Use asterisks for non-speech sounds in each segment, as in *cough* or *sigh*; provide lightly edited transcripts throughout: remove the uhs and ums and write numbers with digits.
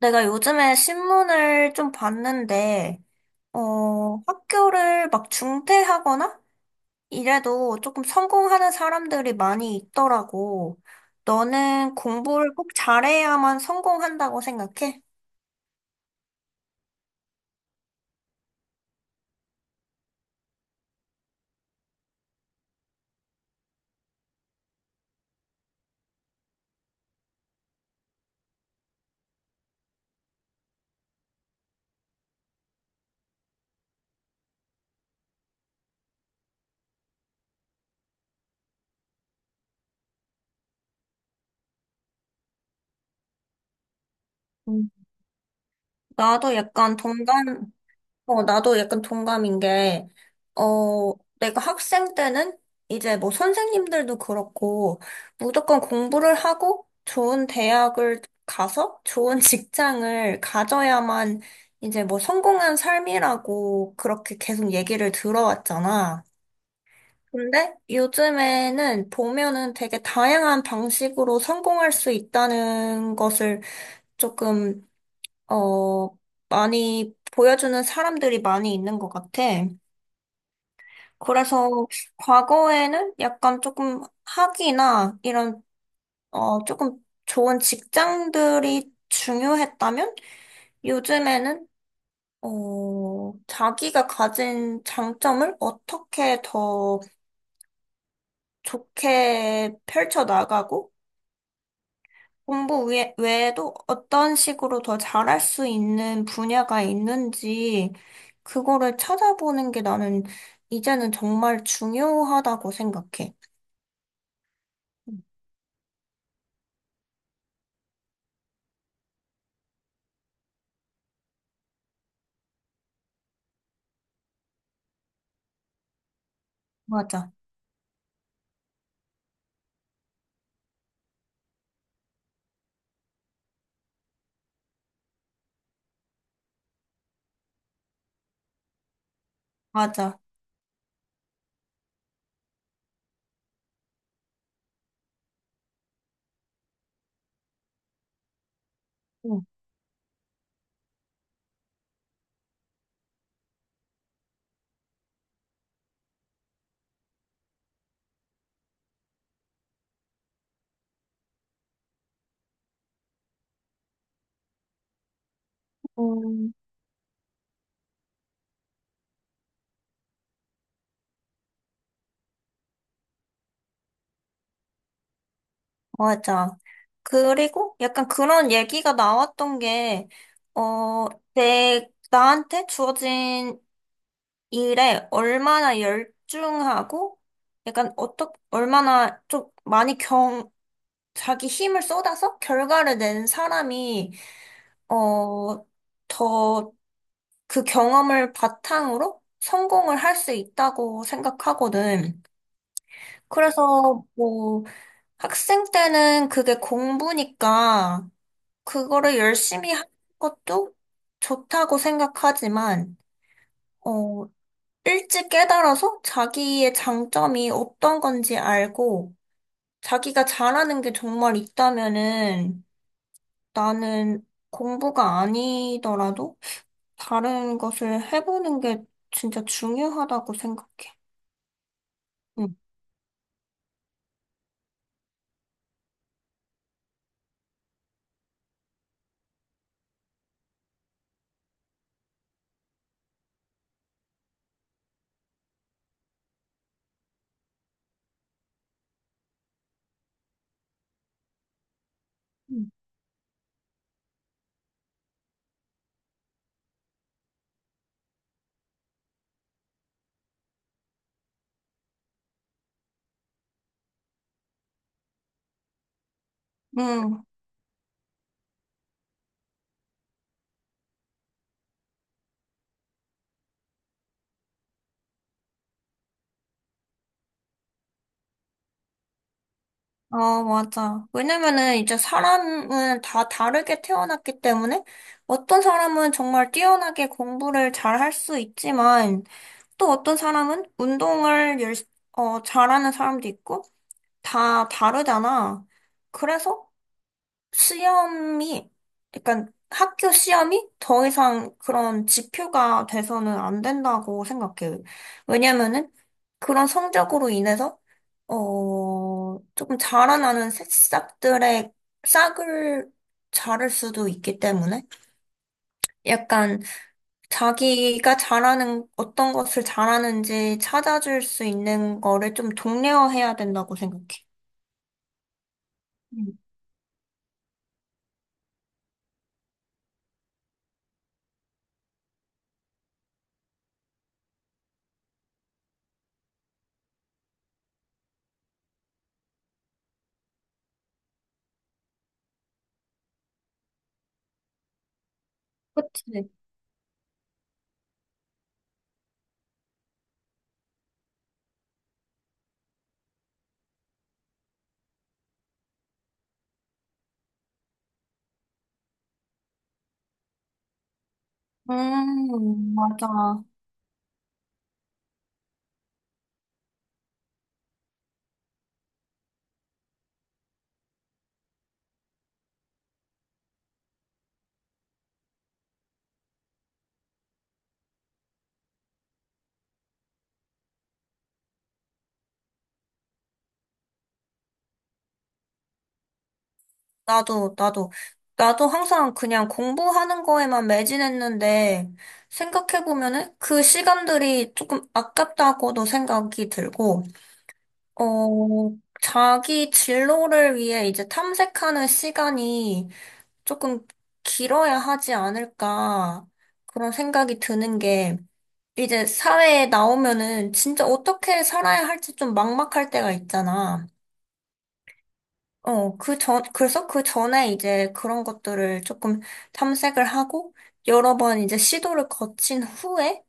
내가 요즘에 신문을 좀 봤는데, 학교를 막 중퇴하거나 이래도 조금 성공하는 사람들이 많이 있더라고. 너는 공부를 꼭 잘해야만 성공한다고 생각해? 음. 나도 약간 동감, 나도 약간 동감인 게, 어, 내가 학생 때는 이제 뭐 선생님들도 그렇고, 무조건 공부를 하고 좋은 대학을 가서 좋은 *laughs* 직장을 가져야만 이제 뭐 성공한 삶이라고 그렇게 계속 얘기를 들어왔잖아. 근데 요즘에는 보면은 되게 다양한 방식으로 성공할 수 있다는 것을 조금 어, 많이 보여주는 사람들이 많이 있는 것 같아. 그래서 과거에는 약간 조금 학위나 이런, 조금 좋은 직장들이 중요했다면 요즘에는, 자기가 가진 장점을 어떻게 더 좋게 펼쳐나가고 외에도 어떤 식으로 더 잘할 수 있는 분야가 있는지, 그거를 찾아보는 게 나는 이제는 정말 중요하다고 생각해. 맞아, 맞아. 응, 음, 맞아. 그리고 약간 그런 얘기가 나왔던 게, 어, 나한테 주어진 일에 얼마나 열중하고, 약간 어떻 얼마나 좀 많이 자기 힘을 쏟아서 결과를 낸 사람이, 어, 더 그 경험을 바탕으로 성공을 할 수 있다고 생각하거든. 그래서 뭐 학생 때는 그게 공부니까 그거를 열심히 하는 것도 좋다고 생각하지만, 어, 일찍 깨달아서 자기의 장점이 어떤 건지 알고 자기가 잘하는 게 정말 있다면은 나는 공부가 아니더라도 다른 것을 해보는 게 진짜 중요하다고 생각해. 응. 응. 어, 맞아. 왜냐면은 이제 사람은 다 다르게 태어났기 때문에 어떤 사람은 정말 뛰어나게 공부를 잘할 수 있지만 또 어떤 사람은 어, 잘하는 사람도 있고 다 다르잖아. 그래서 시험이, 약간 학교 시험이 더 이상 그런 지표가 돼서는 안 된다고 생각해요. 왜냐면은 그런 성적으로 인해서, 조금 자라나는 새싹들의 싹을 자를 수도 있기 때문에 약간 어떤 것을 잘하는지 찾아줄 수 있는 거를 좀 독려해야 된다고 생각해. 음, 그치. 맞아. 나도, 나도, 나도 항상 그냥 공부하는 거에만 매진했는데, 생각해보면은 그 시간들이 조금 아깝다고도 생각이 들고, 자기 진로를 위해 이제 탐색하는 시간이 조금 길어야 하지 않을까, 그런 생각이 드는 게, 이제 사회에 나오면은 진짜 어떻게 살아야 할지 좀 막막할 때가 있잖아. 그래서 그 전에 이제 그런 것들을 조금 탐색을 하고, 여러 번 이제 시도를 거친 후에,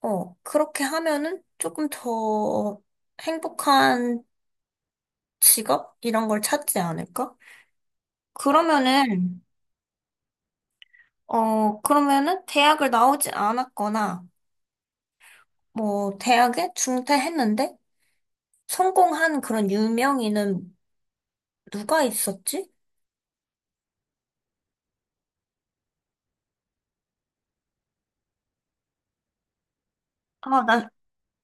그렇게 하면은 조금 더 행복한 직업? 이런 걸 찾지 않을까? 그러면은, 그러면은 대학을 나오지 않았거나, 뭐, 대학에 중퇴했는데, 성공한 그런 유명인은 누가 있었지? 아,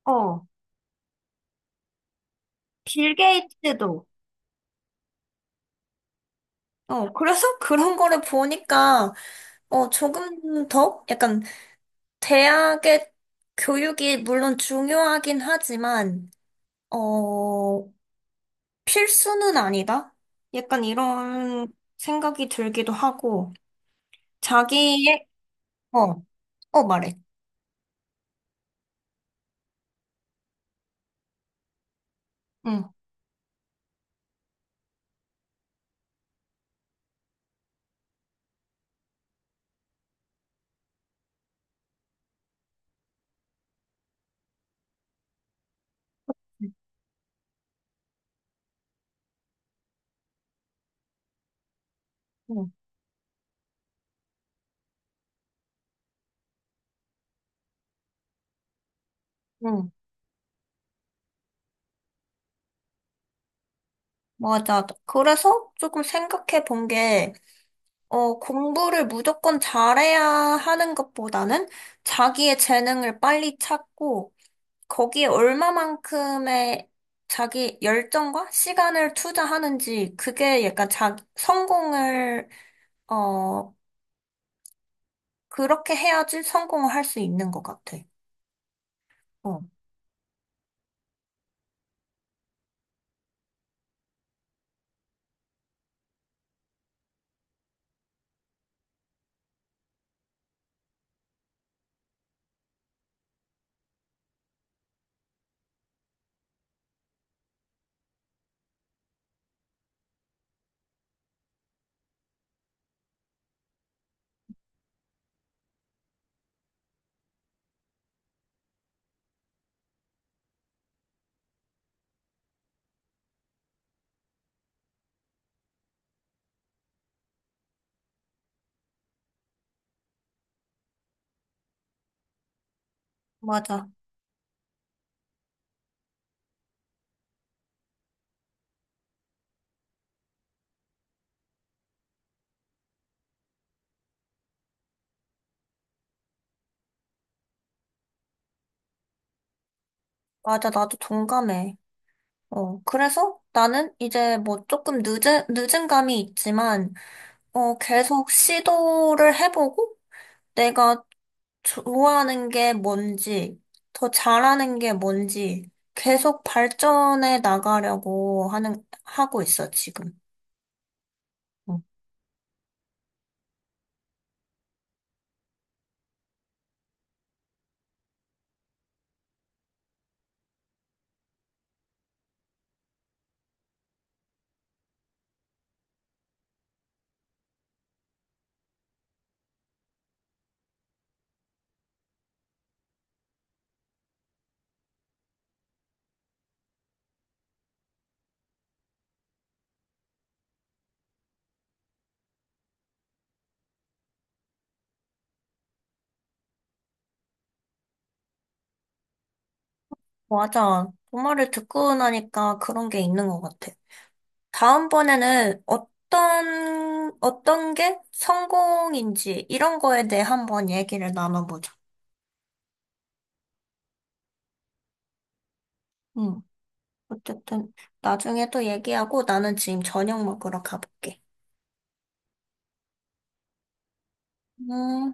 어, 빌 게이츠도. 어, 그래서 *laughs* 그런 거를 보니까, 조금 더? 약간, 대학의 교육이 물론 중요하긴 하지만, 어, 필수는 아니다? 약간 이런 생각이 들기도 하고, 자기의, 어, 말해. 응, 응, 응. 맞아. 그래서 조금 생각해 본 게, 공부를 무조건 잘해야 하는 것보다는 자기의 재능을 빨리 찾고, 거기에 얼마만큼의 자기 열정과 시간을 투자하는지, 그게 약간 성공을, 어, 그렇게 해야지 성공을 할 수 있는 것 같아. 어, 맞아. 맞아. 나도 동감해. 그래서 나는 이제 뭐 조금 늦은 감이 있지만, 계속 시도를 해보고, 내가 좋아하는 게 뭔지, 더 잘하는 게 뭔지, 계속 발전해 나가려고 하고 있어, 지금. 어, 맞아. 엄마를 듣고 나니까 그런 게 있는 것 같아. 다음번에는 어떤 게 성공인지, 이런 거에 대해 한번 얘기를 나눠보자. 응. 어쨌든, 나중에 또 얘기하고, 나는 지금 저녁 먹으러 가볼게. 음.